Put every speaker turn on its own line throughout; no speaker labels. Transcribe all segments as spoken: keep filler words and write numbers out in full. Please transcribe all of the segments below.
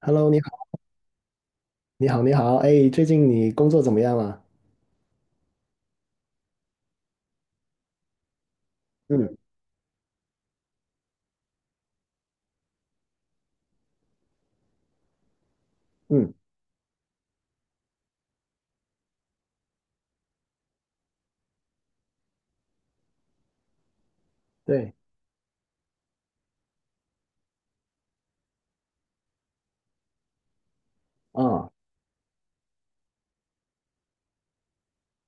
Hello，你好，你好，你好，哎，最近你工作怎么样啊？嗯嗯，对，啊，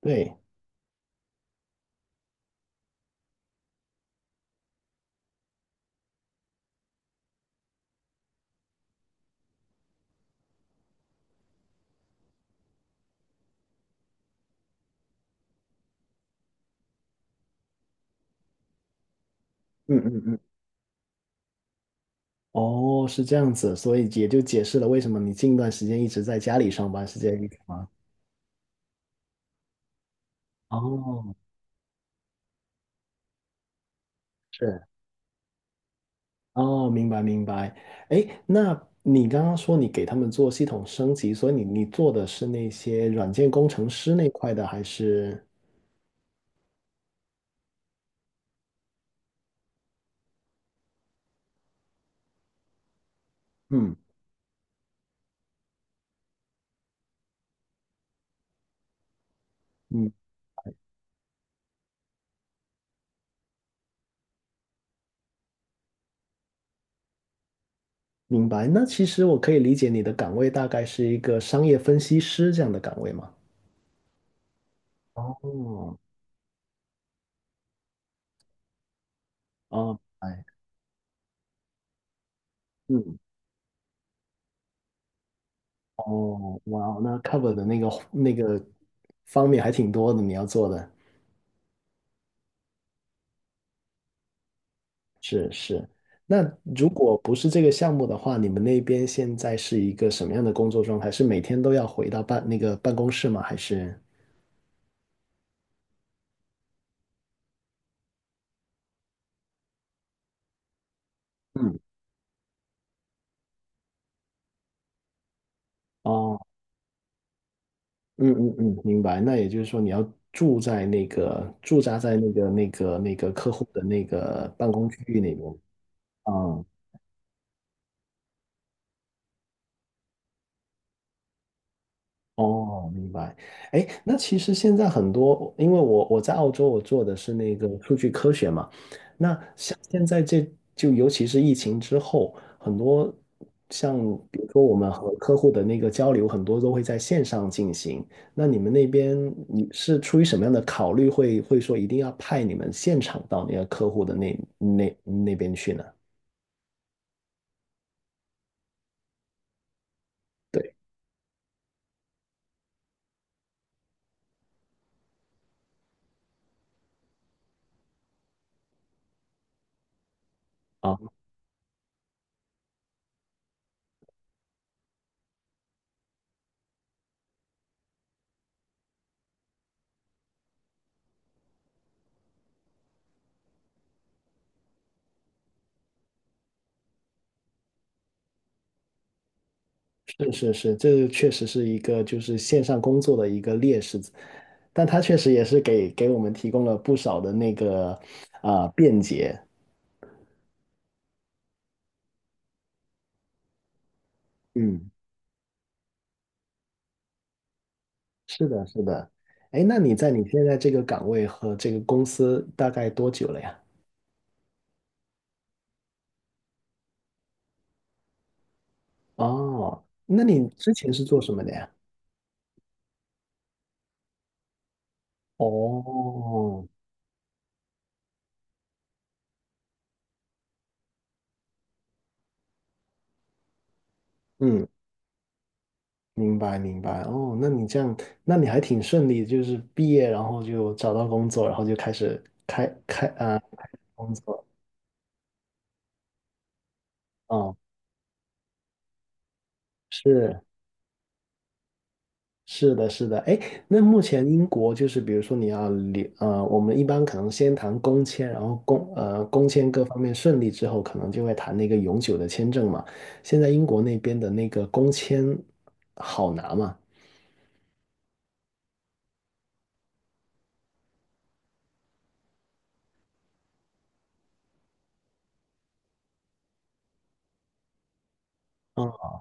对，嗯嗯嗯，哦，是这样子，所以也就解释了为什么你近段时间一直在家里上班是这个意思吗？哦，是，哦，明白明白。哎，那你刚刚说你给他们做系统升级，所以你你做的是那些软件工程师那块的，还是？嗯嗯，明白。那其实我可以理解你的岗位大概是一个商业分析师这样的岗位吗？哦，哦，哎，嗯，哦，哇哦，那 cover 的那个那个方面还挺多的，你要做的，是是。那如果不是这个项目的话，你们那边现在是一个什么样的工作状态？是每天都要回到办那个办公室吗？还是？嗯，哦，嗯嗯嗯，明白。那也就是说，你要住在那个驻扎在那个那个那个客户的那个办公区域里面。啊，哦，明白。哎，那其实现在很多，因为我我在澳洲，我做的是那个数据科学嘛。那像现在这就尤其是疫情之后，很多像比如说我们和客户的那个交流，很多都会在线上进行。那你们那边你是出于什么样的考虑会，会说一定要派你们现场到那个客户的那那那边去呢？对，啊。是是是，这个确实是一个就是线上工作的一个劣势，但它确实也是给给我们提供了不少的那个啊、便捷。嗯，是的，是的。哎，那你在你现在这个岗位和这个公司大概多久了呀？哦，那你之前是做什么的呀？哦，嗯，明白明白。哦，那你这样，那你还挺顺利，就是毕业然后就找到工作，然后就开始开开啊、工作。哦，是。是的，是的，哎，那目前英国就是，比如说你要留，呃，我们一般可能先谈工签，然后工，呃，工签各方面顺利之后，可能就会谈那个永久的签证嘛。现在英国那边的那个工签好拿嘛？嗯，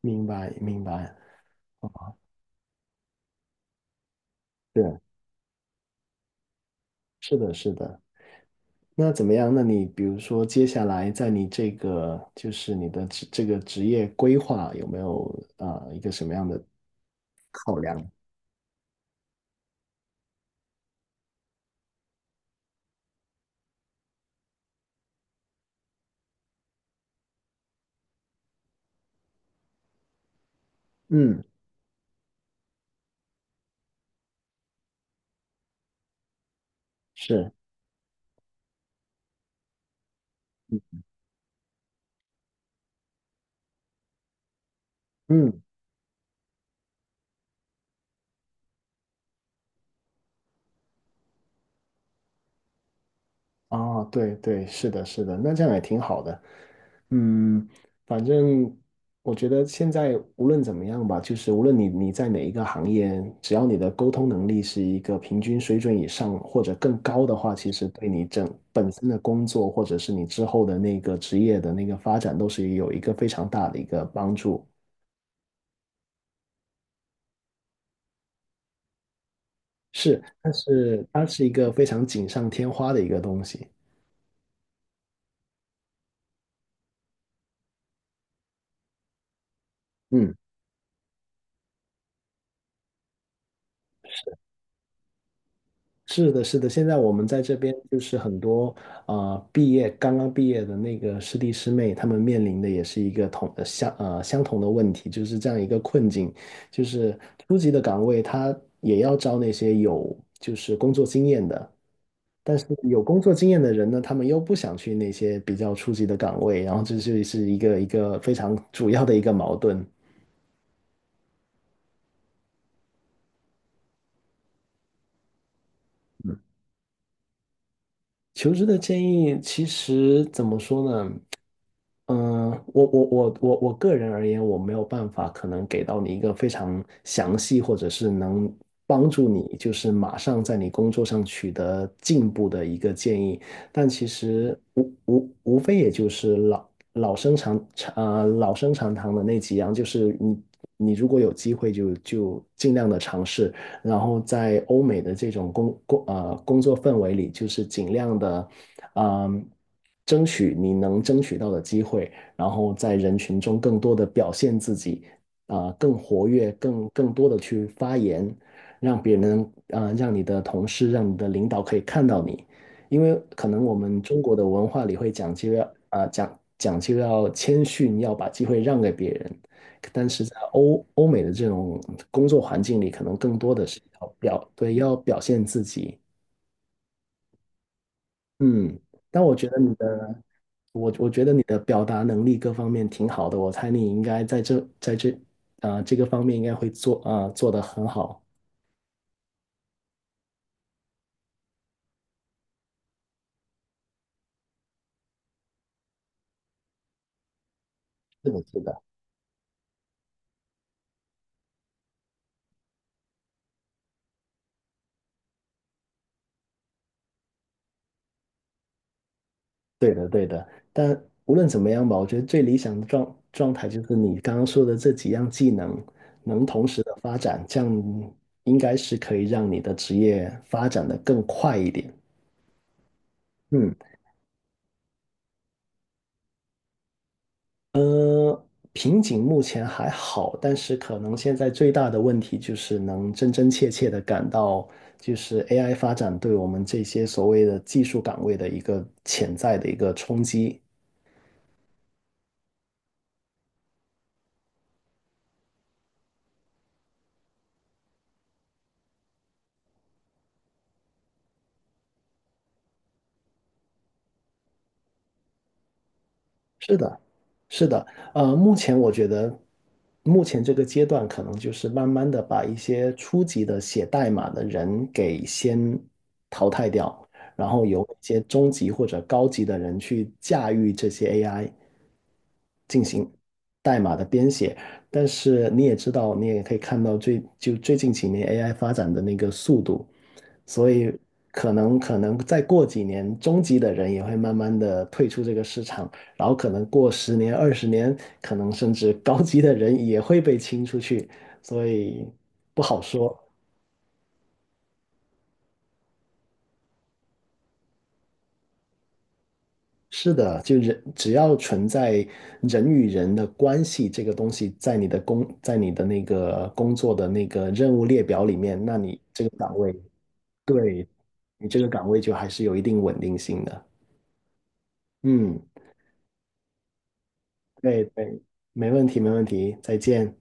明白，明白。是，是的，是的。那怎么样？那你比如说，接下来在你这个就是你的职这个职业规划有没有啊、呃一个什么样的？嗯，是，嗯。哦，对对，是的，是的，那这样也挺好的。嗯，反正我觉得现在无论怎么样吧，就是无论你你在哪一个行业，只要你的沟通能力是一个平均水准以上或者更高的话，其实对你整本身的工作或者是你之后的那个职业的那个发展都是有一个非常大的一个帮助。是，但是它是一个非常锦上添花的一个东西。嗯。是的，是的，现在我们在这边就是很多啊，毕业刚刚毕业的那个师弟师妹，他们面临的也是一个同呃相呃相同的问题，就是这样一个困境，就是初级的岗位他也要招那些有就是工作经验的，但是有工作经验的人呢，他们又不想去那些比较初级的岗位，然后这就是一个一个非常主要的一个矛盾。求职的建议其实怎么说呢？嗯，我我我我我个人而言，我没有办法可能给到你一个非常详细，或者是能帮助你，就是马上在你工作上取得进步的一个建议。但其实无无无非也就是老老生常常呃老生常谈的那几样，就是你你如果有机会就就尽量的尝试，然后在欧美的这种工工呃工作氛围里，就是尽量的。嗯，争取你能争取到的机会，然后在人群中更多的表现自己，啊、更活跃，更更多的去发言，让别人，啊、让你的同事，让你的领导可以看到你，因为可能我们中国的文化里会讲究要，啊、讲讲究要谦逊，要把机会让给别人，但是在欧欧美的这种工作环境里，可能更多的是要表，对，要表现自己，嗯。但我觉得你的我我觉得你的表达能力各方面挺好的，我猜你应该在这在这啊、这个方面应该会做啊、做得很好。是的，是的，对的对的。但无论怎么样吧，我觉得最理想的状状态就是你刚刚说的这几样技能能同时的发展，这样应该是可以让你的职业发展的更快一点。嗯。呃，瓶颈目前还好，但是可能现在最大的问题就是能真真切切的感到，就是 A I 发展对我们这些所谓的技术岗位的一个潜在的一个冲击。是的，是的，呃，目前我觉得，目前这个阶段可能就是慢慢的把一些初级的写代码的人给先淘汰掉，然后由一些中级或者高级的人去驾驭这些 A I 进行代码的编写。但是你也知道，你也可以看到最就最近几年 A I 发展的那个速度，所以可能可能再过几年，中级的人也会慢慢的退出这个市场。然后可能过十年、二十年，可能甚至高级的人也会被清出去，所以不好说。是的，就人只要存在人与人的关系这个东西，在你的工，在你的那个工作的那个任务列表里面，那你这个岗位，对，你这个岗位就还是有一定稳定性的。嗯，对对，没问题，没问题，再见。